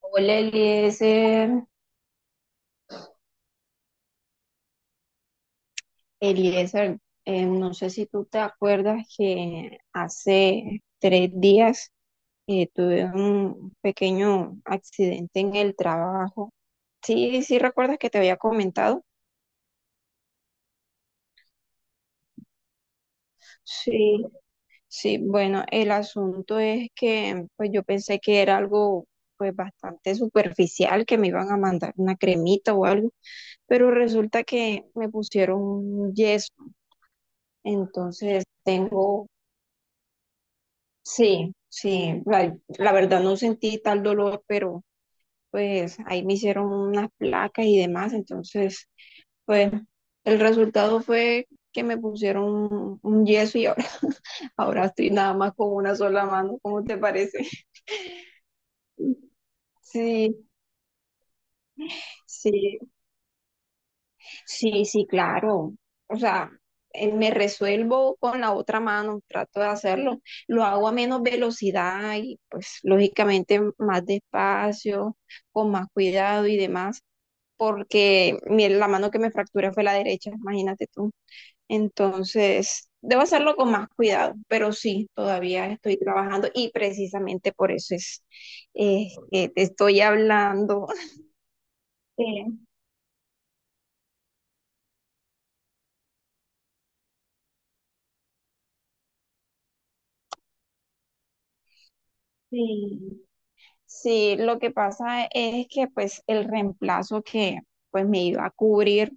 Hola Eliezer, Eliezer, no sé si tú te acuerdas que hace 3 días tuve un pequeño accidente en el trabajo. Sí, sí, recuerdas que te había comentado. Sí, sí, bueno, el asunto es que pues yo pensé que era algo pues bastante superficial, que me iban a mandar una cremita o algo, pero resulta que me pusieron un yeso, entonces tengo. Sí, sí, la verdad no sentí tal dolor, pero pues ahí me hicieron unas placas y demás, entonces pues el resultado fue que me pusieron un yeso y ahora, ahora estoy nada más con una sola mano, ¿cómo te parece? Sí, sí. Sí, sí, claro. O sea, me resuelvo con la otra mano, trato de hacerlo. Lo hago a menos velocidad y pues lógicamente más despacio, con más cuidado y demás, porque la mano que me fracturé fue la derecha, imagínate tú. Entonces, debo hacerlo con más cuidado, pero sí, todavía estoy trabajando y precisamente por eso es que te estoy hablando. Eh, Sí. Sí, lo que pasa es que pues el reemplazo que pues me iba a cubrir,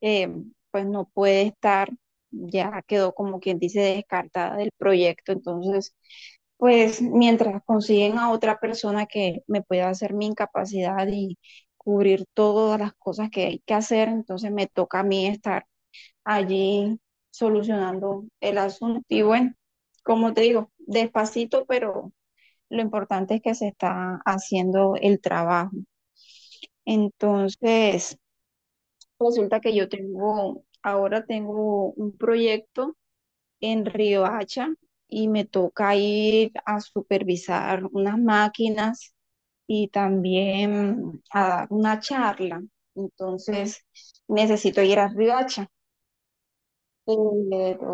eh, pues no puede estar, ya quedó como quien dice descartada del proyecto, entonces pues mientras consiguen a otra persona que me pueda hacer mi incapacidad y cubrir todas las cosas que hay que hacer, entonces me toca a mí estar allí solucionando el asunto y bueno, como te digo, despacito pero lo importante es que se está haciendo el trabajo. Entonces, resulta que yo tengo, ahora tengo un proyecto en Riohacha y me toca ir a supervisar unas máquinas y también a dar una charla. Entonces, necesito ir a Riohacha. Pero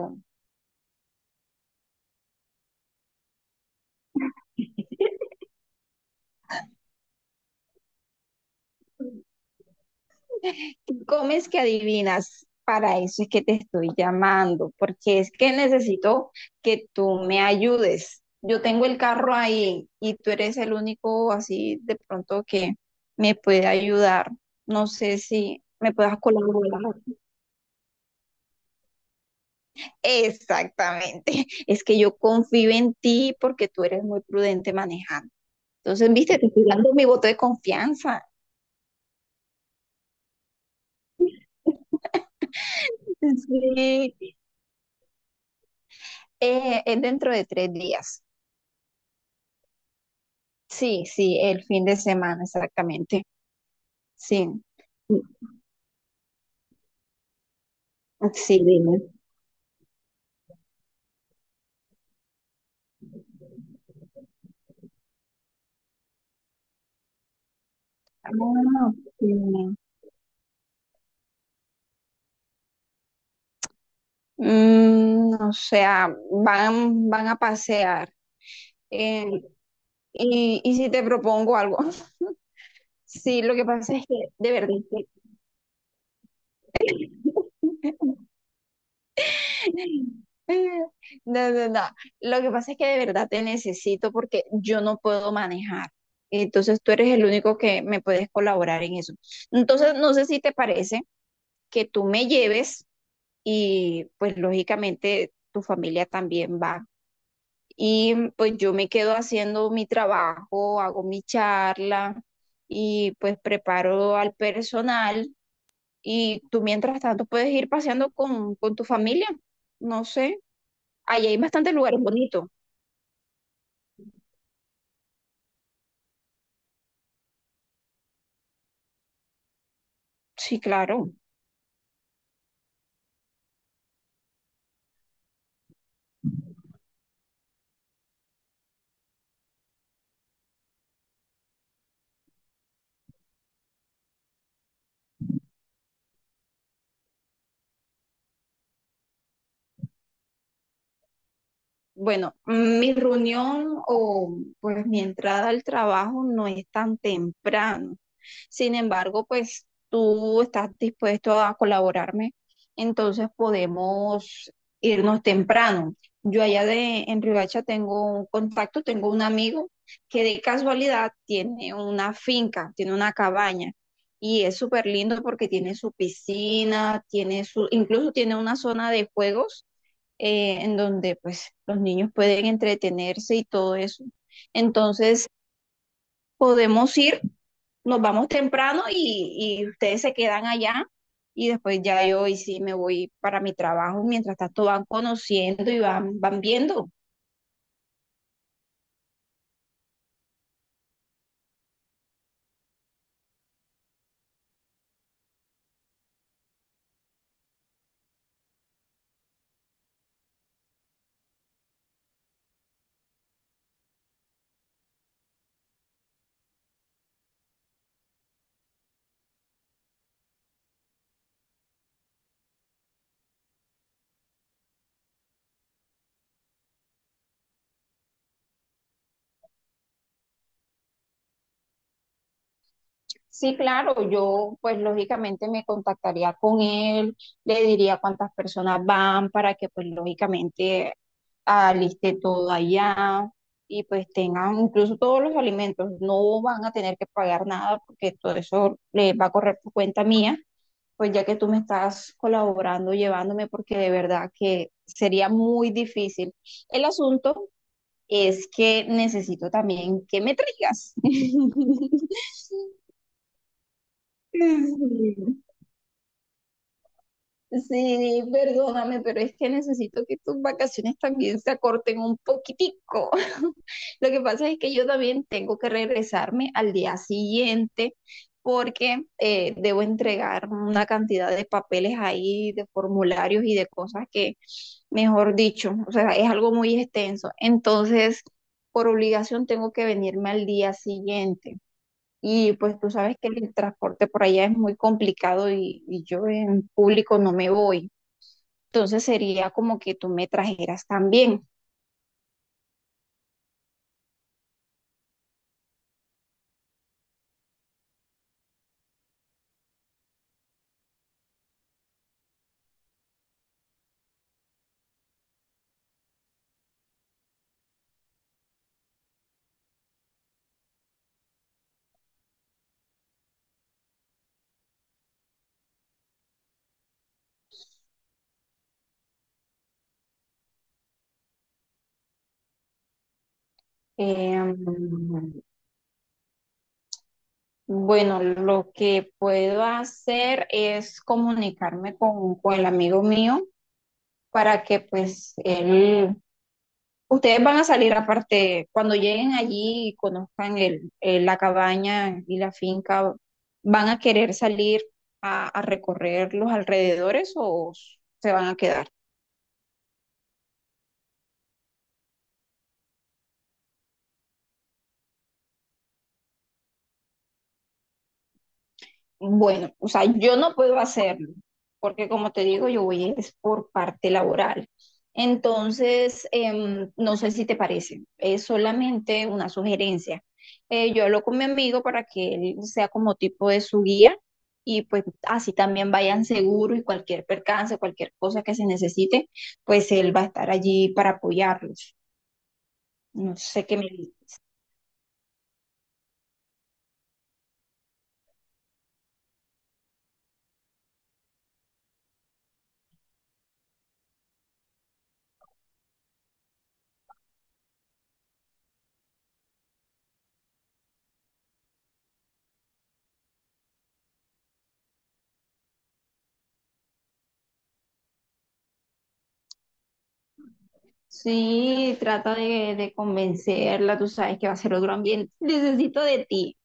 comes que adivinas, para eso es que te estoy llamando, porque es que necesito que tú me ayudes. Yo tengo el carro ahí y tú eres el único así de pronto que me puede ayudar. No sé si me puedas colaborar. Exactamente. Es que yo confío en ti porque tú eres muy prudente manejando. Entonces, viste, te estoy dando mi voto de confianza. Sí, es dentro de 3 días. Sí, sí, el fin de semana, exactamente. Sí. Mm. Sí, dime. Ah, ok. Mm, o sea, van a pasear. eh, y si te propongo algo, sí, lo que pasa es que, de verdad, no, no, no. Lo que pasa es que de verdad te necesito porque yo no puedo manejar. Entonces tú eres el único que me puedes colaborar en eso. Entonces, no sé si te parece que tú me lleves. Y pues lógicamente tu familia también va. Y mm, pues yo me quedo haciendo mi trabajo, hago mi charla y pues preparo al personal y tú mientras tanto puedes ir paseando con tu familia, no sé. Allí hay bastantes lugares bonitos. Sí, claro. Bueno, mi reunión o pues mi entrada al trabajo no es tan temprano. Sin embargo, pues tú estás dispuesto a colaborarme, entonces podemos irnos temprano. Yo allá de en Riohacha tengo un contacto, tengo un amigo que de casualidad tiene una finca, tiene una cabaña y es súper lindo porque tiene su piscina, tiene su, incluso tiene una zona de juegos, en donde pues los niños pueden entretenerse y todo eso. Entonces, podemos ir, nos vamos temprano y ustedes se quedan allá y después ya yo y sí me voy para mi trabajo. Mientras tanto van conociendo y van, van viendo. Sí, claro, yo pues lógicamente me contactaría con él, le diría cuántas personas van para que pues lógicamente aliste todo allá y pues tengan incluso todos los alimentos, no van a tener que pagar nada porque todo eso le va a correr por cuenta mía, pues ya que tú me estás colaborando, llevándome, porque de verdad que sería muy difícil. El asunto es que necesito también que me traigas. Sí. Sí, perdóname, pero es que necesito que tus vacaciones también se acorten un poquitico. Lo que pasa es que yo también tengo que regresarme al día siguiente porque debo entregar una cantidad de papeles ahí, de formularios y de cosas que, mejor dicho, o sea, es algo muy extenso. Entonces, por obligación tengo que venirme al día siguiente. Y pues tú sabes que el transporte por allá es muy complicado y yo en público no me voy. Entonces sería como que tú me trajeras también. Em, bueno, lo que puedo hacer es comunicarme con el amigo mío para que pues él. Ustedes van a salir aparte, cuando lleguen allí y conozcan la cabaña y la finca, ¿van a querer salir a recorrer los alrededores o se van a quedar? Bueno, o sea, yo no puedo hacerlo, porque como te digo, yo voy es por parte laboral. Entonces, no sé si te parece, es solamente una sugerencia. Yo hablo con mi amigo para que él sea como tipo de su guía y pues así también vayan seguros y cualquier percance, cualquier cosa que se necesite, pues él va a estar allí para apoyarlos. No sé qué me dice. Sí, trata de convencerla, tú sabes que va a ser otro ambiente. Necesito de ti.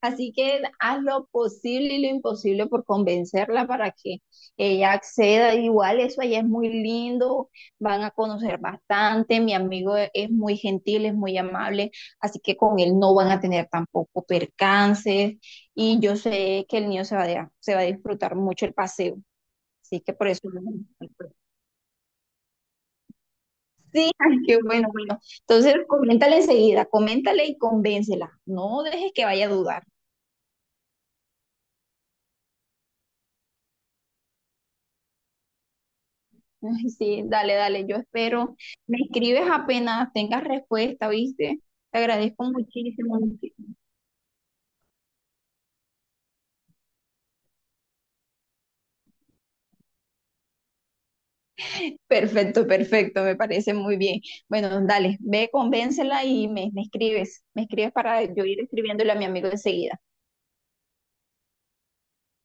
Así que haz lo posible y lo imposible por convencerla para que ella acceda. Igual eso allá es muy lindo, van a conocer bastante. Mi amigo es muy gentil, es muy amable, así que con él no van a tener tampoco percances. Y yo sé que el niño se va a, se va a disfrutar mucho el paseo. Así que por eso. Sí, ay, qué bueno, bueno. Entonces, coméntale enseguida, coméntale y convéncela. No dejes que vaya a dudar. Ay, sí, dale, dale, yo espero. Me escribes apenas tengas respuesta, ¿viste? Te agradezco muchísimo. Muchísimo. Perfecto, perfecto, me parece muy bien. Bueno, dale, ve, convéncela y me escribes. Me escribes para yo ir escribiéndole a mi amigo enseguida.